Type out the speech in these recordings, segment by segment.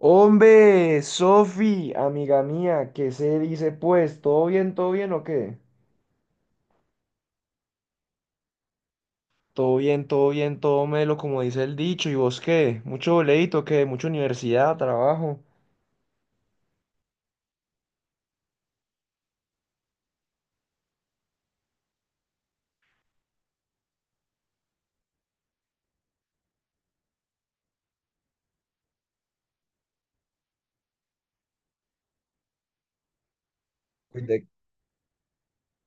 Hombre, Sofi, amiga mía, ¿qué se dice pues? Todo bien o qué? Todo bien, todo bien, todo melo, como dice el dicho. ¿Y vos qué? ¿Mucho boleto, qué? ¿Mucha universidad, trabajo? Cuide,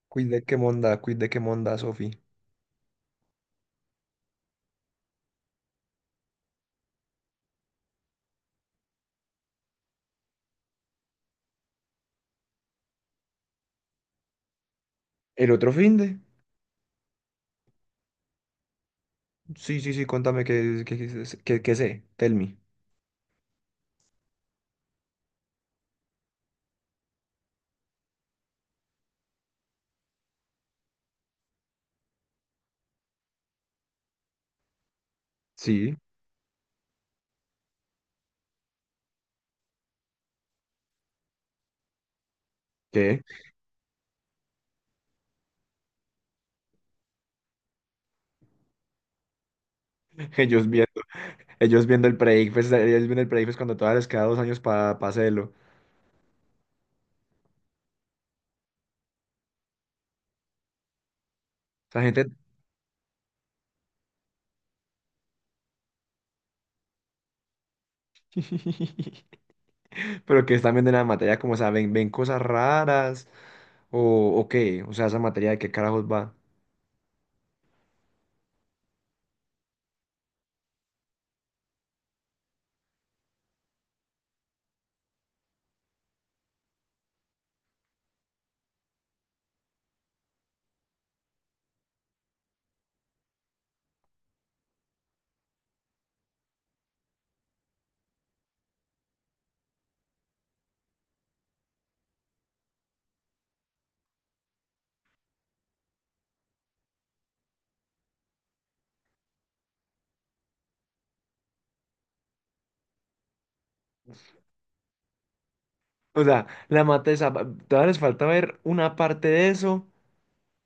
cuide qué monda, Sofi. ¿El otro fin de? Sí, sí, sí, contame qué sé, tell me. Sí, ¿qué? Ellos viendo, ellos viendo el pre cuando todavía les queda 2 años para hacerlo. Esa gente... Pero que están viendo en la materia como, o sea, ven cosas raras o qué, o sea, esa materia de qué carajos va. O sea, todavía les falta ver una parte de eso,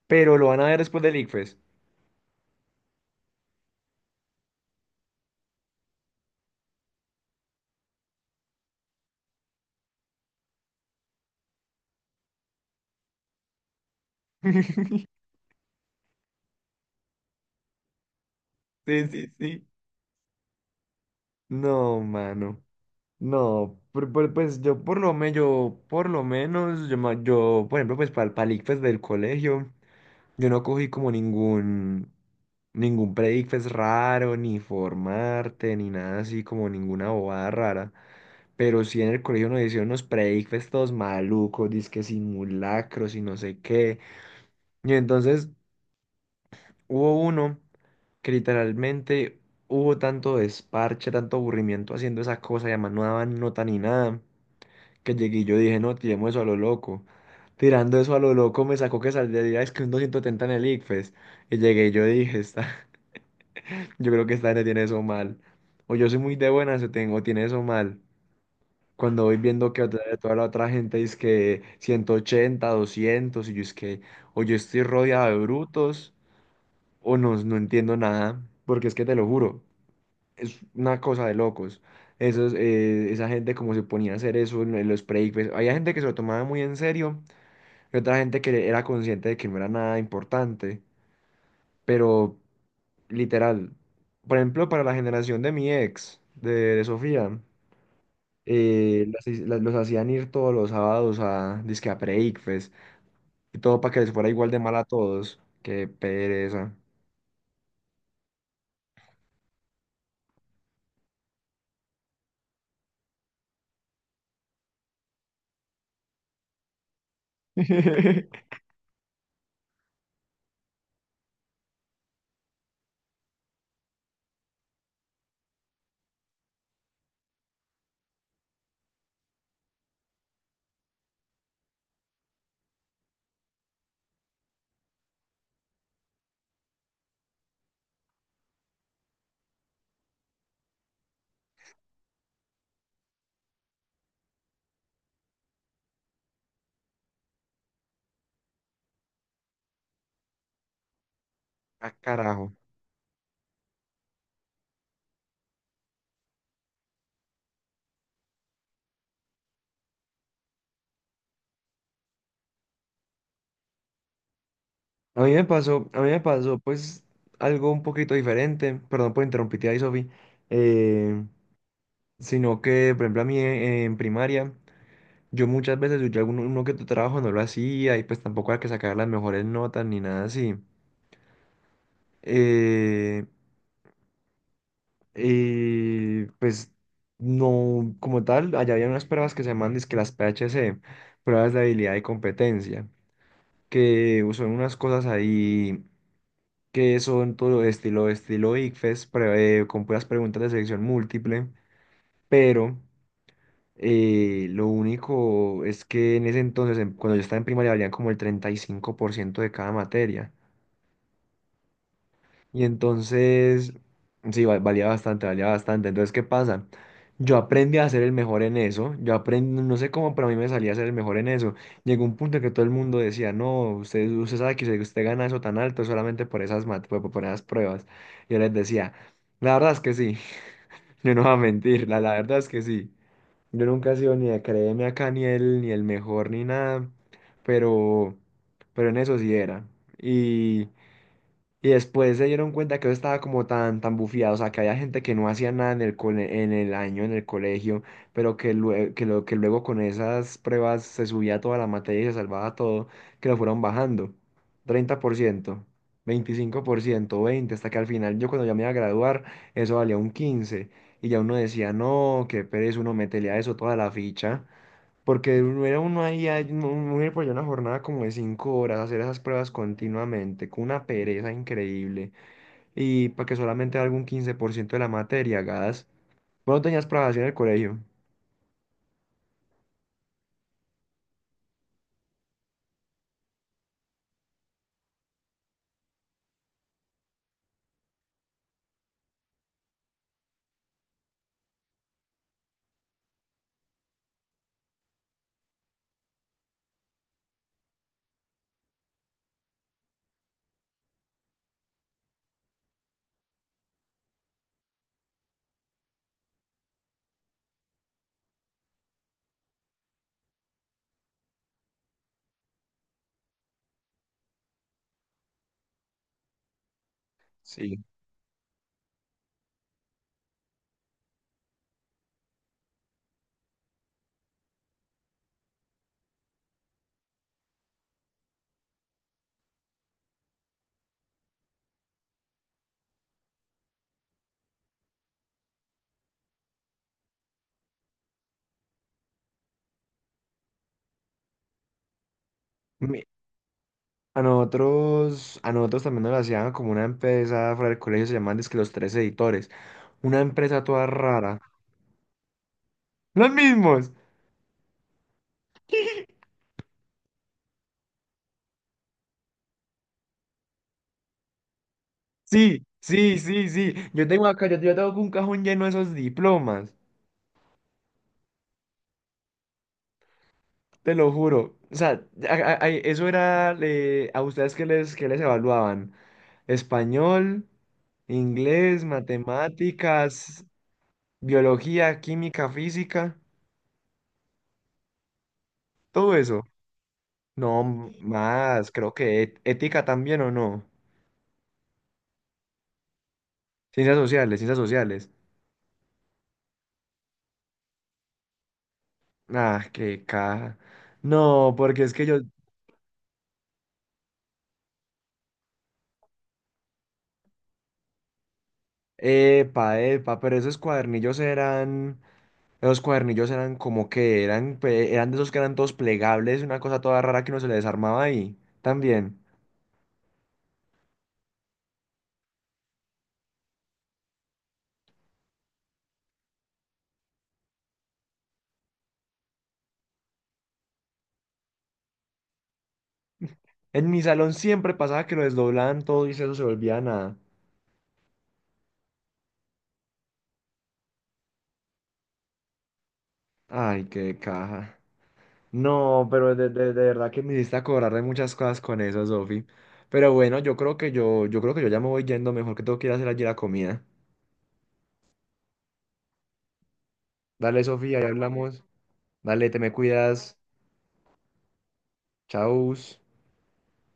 pero lo van a ver después del ICFES. Sí, sí, sí. No, mano. No, pues yo por lo menos, yo por lo menos, yo, ma- yo, por ejemplo, pues para el ICFES del colegio, yo no cogí como ningún pre-ICFES raro, ni formarte, ni nada así, como ninguna bobada rara. Pero sí en el colegio nos hicieron unos predicfes todos malucos, disque simulacros y no sé qué. Y entonces hubo uno que literalmente hubo tanto desparche, tanto aburrimiento haciendo esa cosa, y además no daban nota ni nada, que llegué y yo dije, no, tiremos eso a lo loco. Tirando eso a lo loco me sacó que saldría es que un 270 en el ICFES. Y llegué y yo dije, está, yo creo que esta gente tiene eso mal. O yo soy muy de buenas o tiene eso mal. Cuando voy viendo que toda la otra gente dice que 180 200 y yo es que o yo estoy rodeado de brutos o no, no entiendo nada, porque es que te lo juro, es una cosa de locos. Esos, esa gente como se ponía a hacer eso en los breaks, había gente que se lo tomaba muy en serio y otra gente que era consciente de que no era nada importante, pero literal, por ejemplo, para la generación de mi ex, de Sofía. Las los hacían ir todos los sábados a disque a pre-ICFES y todo para que les fuera igual de mal a todos. Qué pereza. Ah, carajo. A mí me pasó pues algo un poquito diferente, perdón por interrumpirte ahí, Sofi, eh, sino que, por ejemplo, a mí en primaria, yo muchas veces, yo alguno uno que tu trabajo no lo hacía y pues tampoco era que sacar las mejores notas ni nada así. Eh, Y pues no, como tal, allá había unas pruebas que se llaman que las PHC, pruebas de habilidad y competencia, que son unas cosas ahí que son todo estilo, estilo ICFES, con puras preguntas de selección múltiple, pero lo único es que en ese entonces, cuando yo estaba en primaria, valían como el 35% de cada materia. Y entonces, sí, valía bastante, valía bastante. Entonces, ¿qué pasa? Yo aprendí a ser el mejor en eso. Yo aprendí, no sé cómo, pero a mí me salía a ser el mejor en eso. Llegó un punto en que todo el mundo decía, no, usted sabe que usted gana eso tan alto es solamente por esas, por esas pruebas. Yo les decía, la verdad es que sí, yo no voy a mentir, la verdad es que sí. Yo nunca he sido ni de créeme acá, ni el mejor, ni nada, pero, pero en eso sí era. Y después se dieron cuenta que eso estaba como tan bufiado, o sea, que había gente que no hacía nada en el en el año, en el colegio, pero que luego con esas pruebas se subía toda la materia y se salvaba todo, que lo fueron bajando. 30%, 25%, 20%, hasta que al final yo cuando ya me iba a graduar, eso valía un 15%. Y ya uno decía, no, qué pereza, uno métele a eso toda la ficha. Porque uno era uno ahí, ahí, uno uno ir por allá una jornada como de 5 horas, hacer esas pruebas continuamente, con una pereza increíble, y para que solamente algún 15% de la materia hagas. Bueno, tenías pruebas así en el colegio. Sí. Mi- a nosotros también nos lo hacían como una empresa fuera del colegio, se llamaban dizque los tres editores. Una empresa toda rara. ¡Los mismos! Sí, sí, sí, sí. Yo tengo un cajón lleno de esos diplomas. Te lo juro. O sea, eso era a ustedes que les evaluaban. Español, inglés, matemáticas, biología, química, física, todo eso. No más, creo que ética también o no. Ciencias sociales, ciencias sociales. Ah, qué caja. No, porque es que yo... Epa, epa, pero esos cuadernillos eran... Esos cuadernillos eran como que eran, eran de esos que eran todos plegables, una cosa toda rara que uno se le desarmaba ahí. También. En mi salón siempre pasaba que lo desdoblaban todo y eso se volvía nada. Ay, qué caja. No, pero de verdad que me hiciste acordar de muchas cosas con eso, Sofi. Pero bueno, yo creo que yo ya me voy yendo, mejor que tengo que ir a hacer allí la comida. Dale, Sofía, ahí hablamos. Dale, te me cuidas. Chau.